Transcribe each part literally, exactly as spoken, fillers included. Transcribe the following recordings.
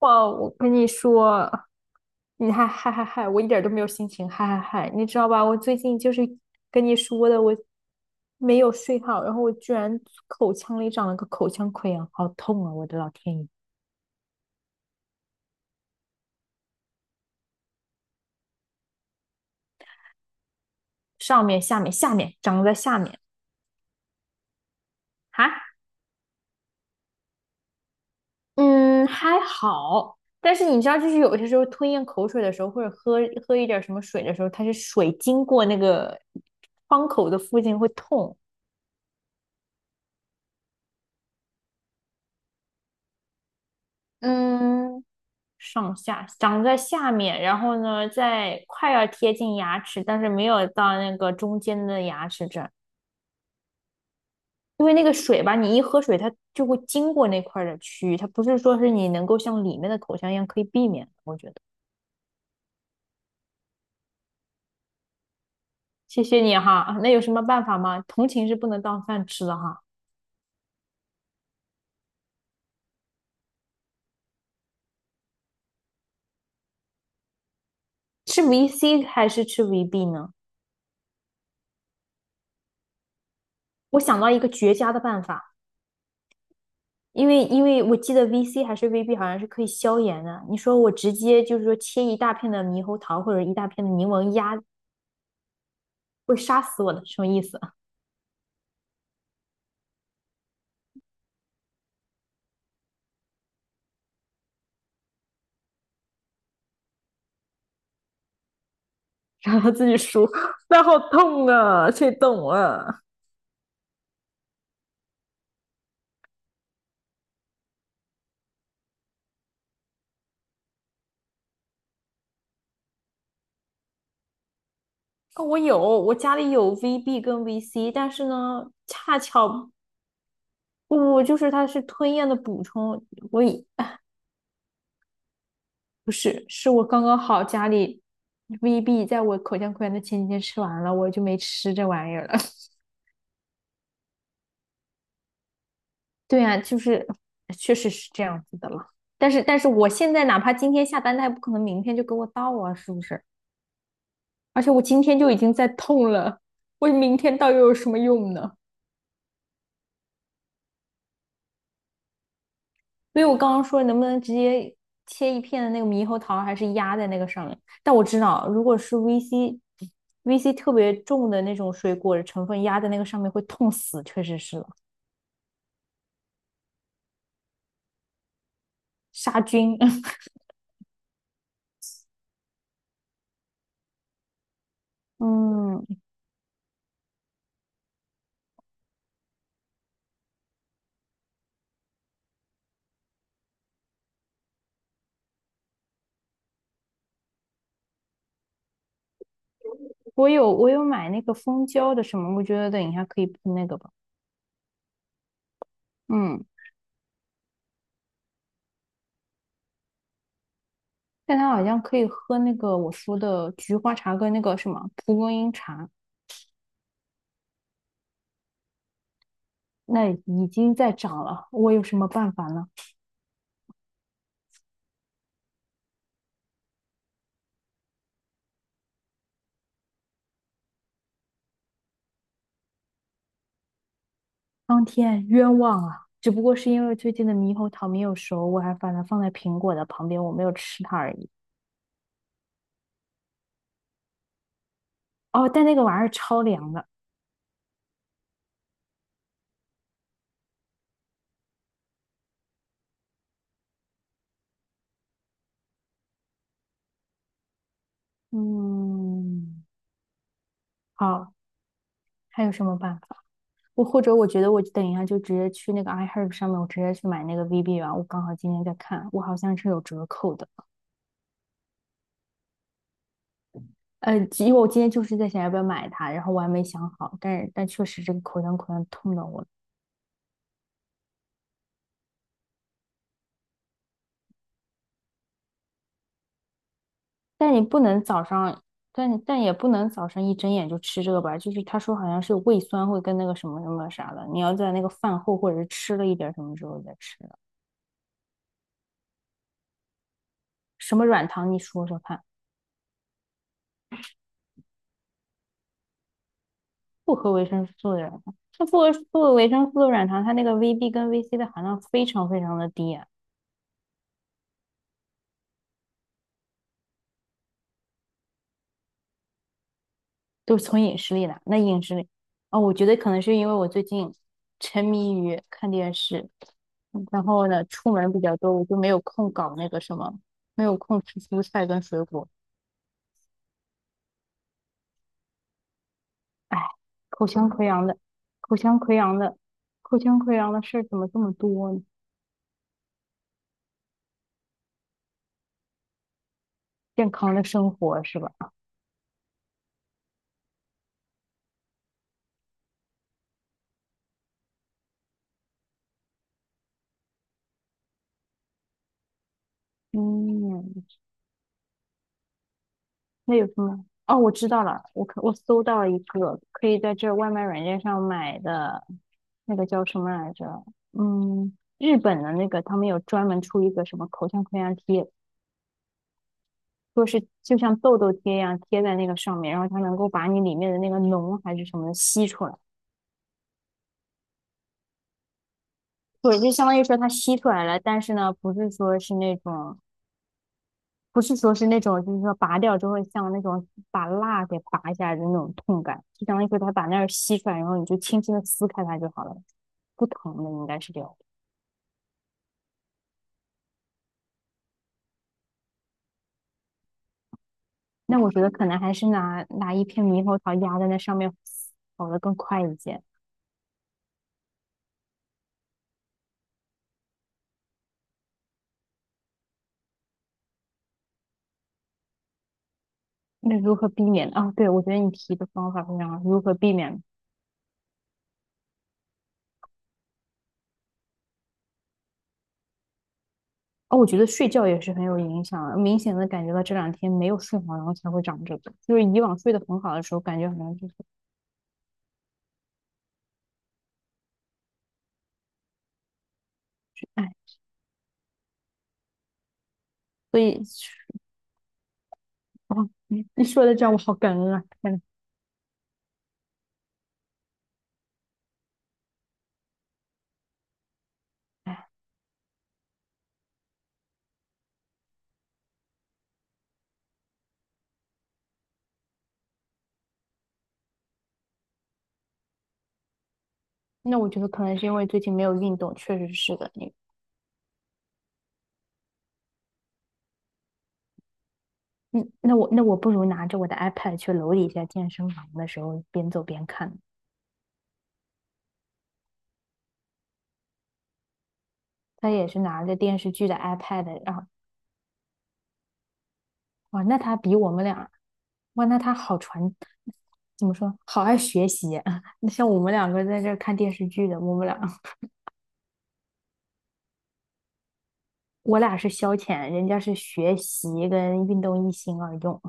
哇，我跟你说，你还嗨嗨嗨，我一点儿都没有心情嗨嗨嗨，你知道吧？我最近就是跟你说的，我没有睡好，然后我居然口腔里长了个口腔溃疡，好痛啊！我的老天爷，上面、下面、下面长在下面哈。嗯，还好。但是你知道，就是有些时候吞咽口水的时候，或者喝喝一点儿什么水的时候，它是水经过那个窗口的附近会痛。嗯，上下长在下面，然后呢，在快要贴近牙齿，但是没有到那个中间的牙齿这儿，因为那个水吧，你一喝水，它就会经过那块儿的区域，它不是说是你能够像里面的口腔一样可以避免的我觉得。谢谢你哈，那有什么办法吗？同情是不能当饭吃的哈。吃维 c 还是吃维 b 呢？我想到一个绝佳的办法。因为因为我记得 V C 还是 V B 好像是可以消炎的。你说我直接就是说切一大片的猕猴桃或者一大片的柠檬压，会杀死我的，什么意思？让他自己输，那好痛啊！谁懂啊？哦，我有，我家里有 V B 跟 V C，但是呢，恰巧我就是它是吞咽的补充，我以，哎不是，是我刚刚好家里 V B 在我口腔溃疡的前几天吃完了，我就没吃这玩意儿了。对啊，就是确实是这样子的了。但是，但是我现在哪怕今天下单，他也不可能明天就给我到啊，是不是？而且我今天就已经在痛了，我明天到又有什么用呢？所以我刚刚说能不能直接切一片的那个猕猴桃，还是压在那个上面？但我知道，如果是 V C VC 特别重的那种水果的成分压在那个上面会痛死，确实是了。杀菌。嗯，我有我有买那个蜂胶的什么，我觉得等一下可以喷那个吧。嗯，但它好像可以喝那个我说的菊花茶跟那个什么蒲公英茶。那已经在涨了，我有什么办法呢？苍天冤枉啊！只不过是因为最近的猕猴桃没有熟，我还把它放在苹果的旁边，我没有吃它而已。哦，但那个玩意儿超凉的。嗯，好，还有什么办法？我或者我觉得我等一下就直接去那个 iHerb 上面，我直接去买那个 V B 吧，我刚好今天在看，我好像是有折扣的。呃，因为我今天就是在想要不要买它，然后我还没想好，但是但确实这个口腔口香痛的我。但你不能早上，但但也不能早上一睁眼就吃这个吧，就是他说好像是有胃酸会跟那个什么什么啥的，你要在那个饭后或者是吃了一点什么之后再吃的。什么软糖你说说看？复合维生素的软糖，它复合不合维生素的软糖，它那个 V B 跟 V C 的含量非常非常的低啊，都是从饮食里来。那饮食里，哦，我觉得可能是因为我最近沉迷于看电视，嗯，然后呢，出门比较多，我就没有空搞那个什么，没有空吃蔬菜跟水果。哎，口腔溃疡的，口腔溃疡的，口腔溃疡的事儿怎么这么多呢？健康的生活是吧？嗯，那有什么？哦，我知道了，我可我搜到了一个可以在这外卖软件上买的，那个叫什么来着？嗯，日本的那个，他们有专门出一个什么口腔溃疡贴，说是就像痘痘贴一样贴在那个上面，然后它能够把你里面的那个脓还是什么的吸出来。对，就相当于说它吸出来了，但是呢，不是说是那种不是说是那种，就是说拔掉之后像那种把蜡给拔下来的那种痛感，就相当于说它把那儿吸出来，然后你就轻轻的撕开它就好了，不疼的应该是这样。那我觉得可能还是拿拿一片猕猴桃压在那上面，好的更快一些。那如何避免啊？对，我觉得你提的方法非常好，如何避免？哦，我觉得睡觉也是很有影响的，明显的感觉到这两天没有睡好，然后才会长这个。就是以往睡得很好的时候，感觉好像就是，哎，所以哦，你你说的这样我好感恩啊！天呐。哎，那我觉得可能是因为最近没有运动，确实是的。你，嗯，那我那我不如拿着我的 iPad 去楼底下健身房的时候边走边看。他也是拿着电视剧的 iPad，然后哇，那他比我们俩，哇，那他好传，怎么说，好爱学习啊！那像我们两个在这儿看电视剧的，我们俩 我俩是消遣，人家是学习跟运动一心二用。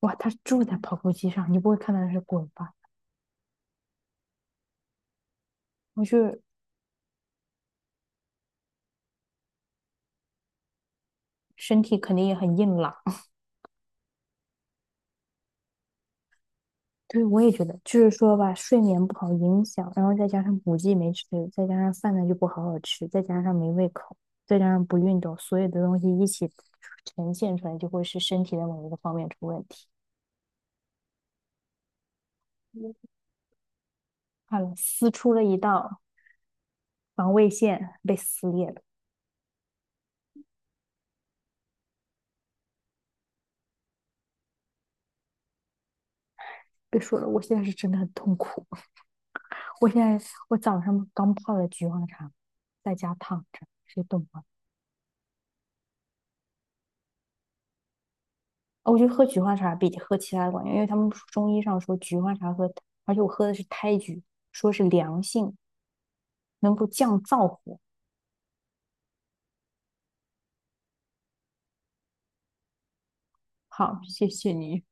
哇，他住在跑步机上，你不会看到他是滚吧？我是身体肯定也很硬朗。对，我也觉得，就是说吧，睡眠不好影响，然后再加上补剂没吃，再加上饭呢就不好好吃，再加上没胃口，再加上不运动，所有的东西一起呈现出来，就会是身体的某一个方面出问题。好了，撕出了一道防卫线，被撕裂了。别说了，我现在是真的很痛苦。我现在我早上刚泡了菊花茶，在家躺着，谁懂啊？哦，我觉得喝菊花茶比喝其他的管用，因为他们说中医上说菊花茶喝，而且我喝的是胎菊，说是凉性，能够降燥火。好，谢谢你。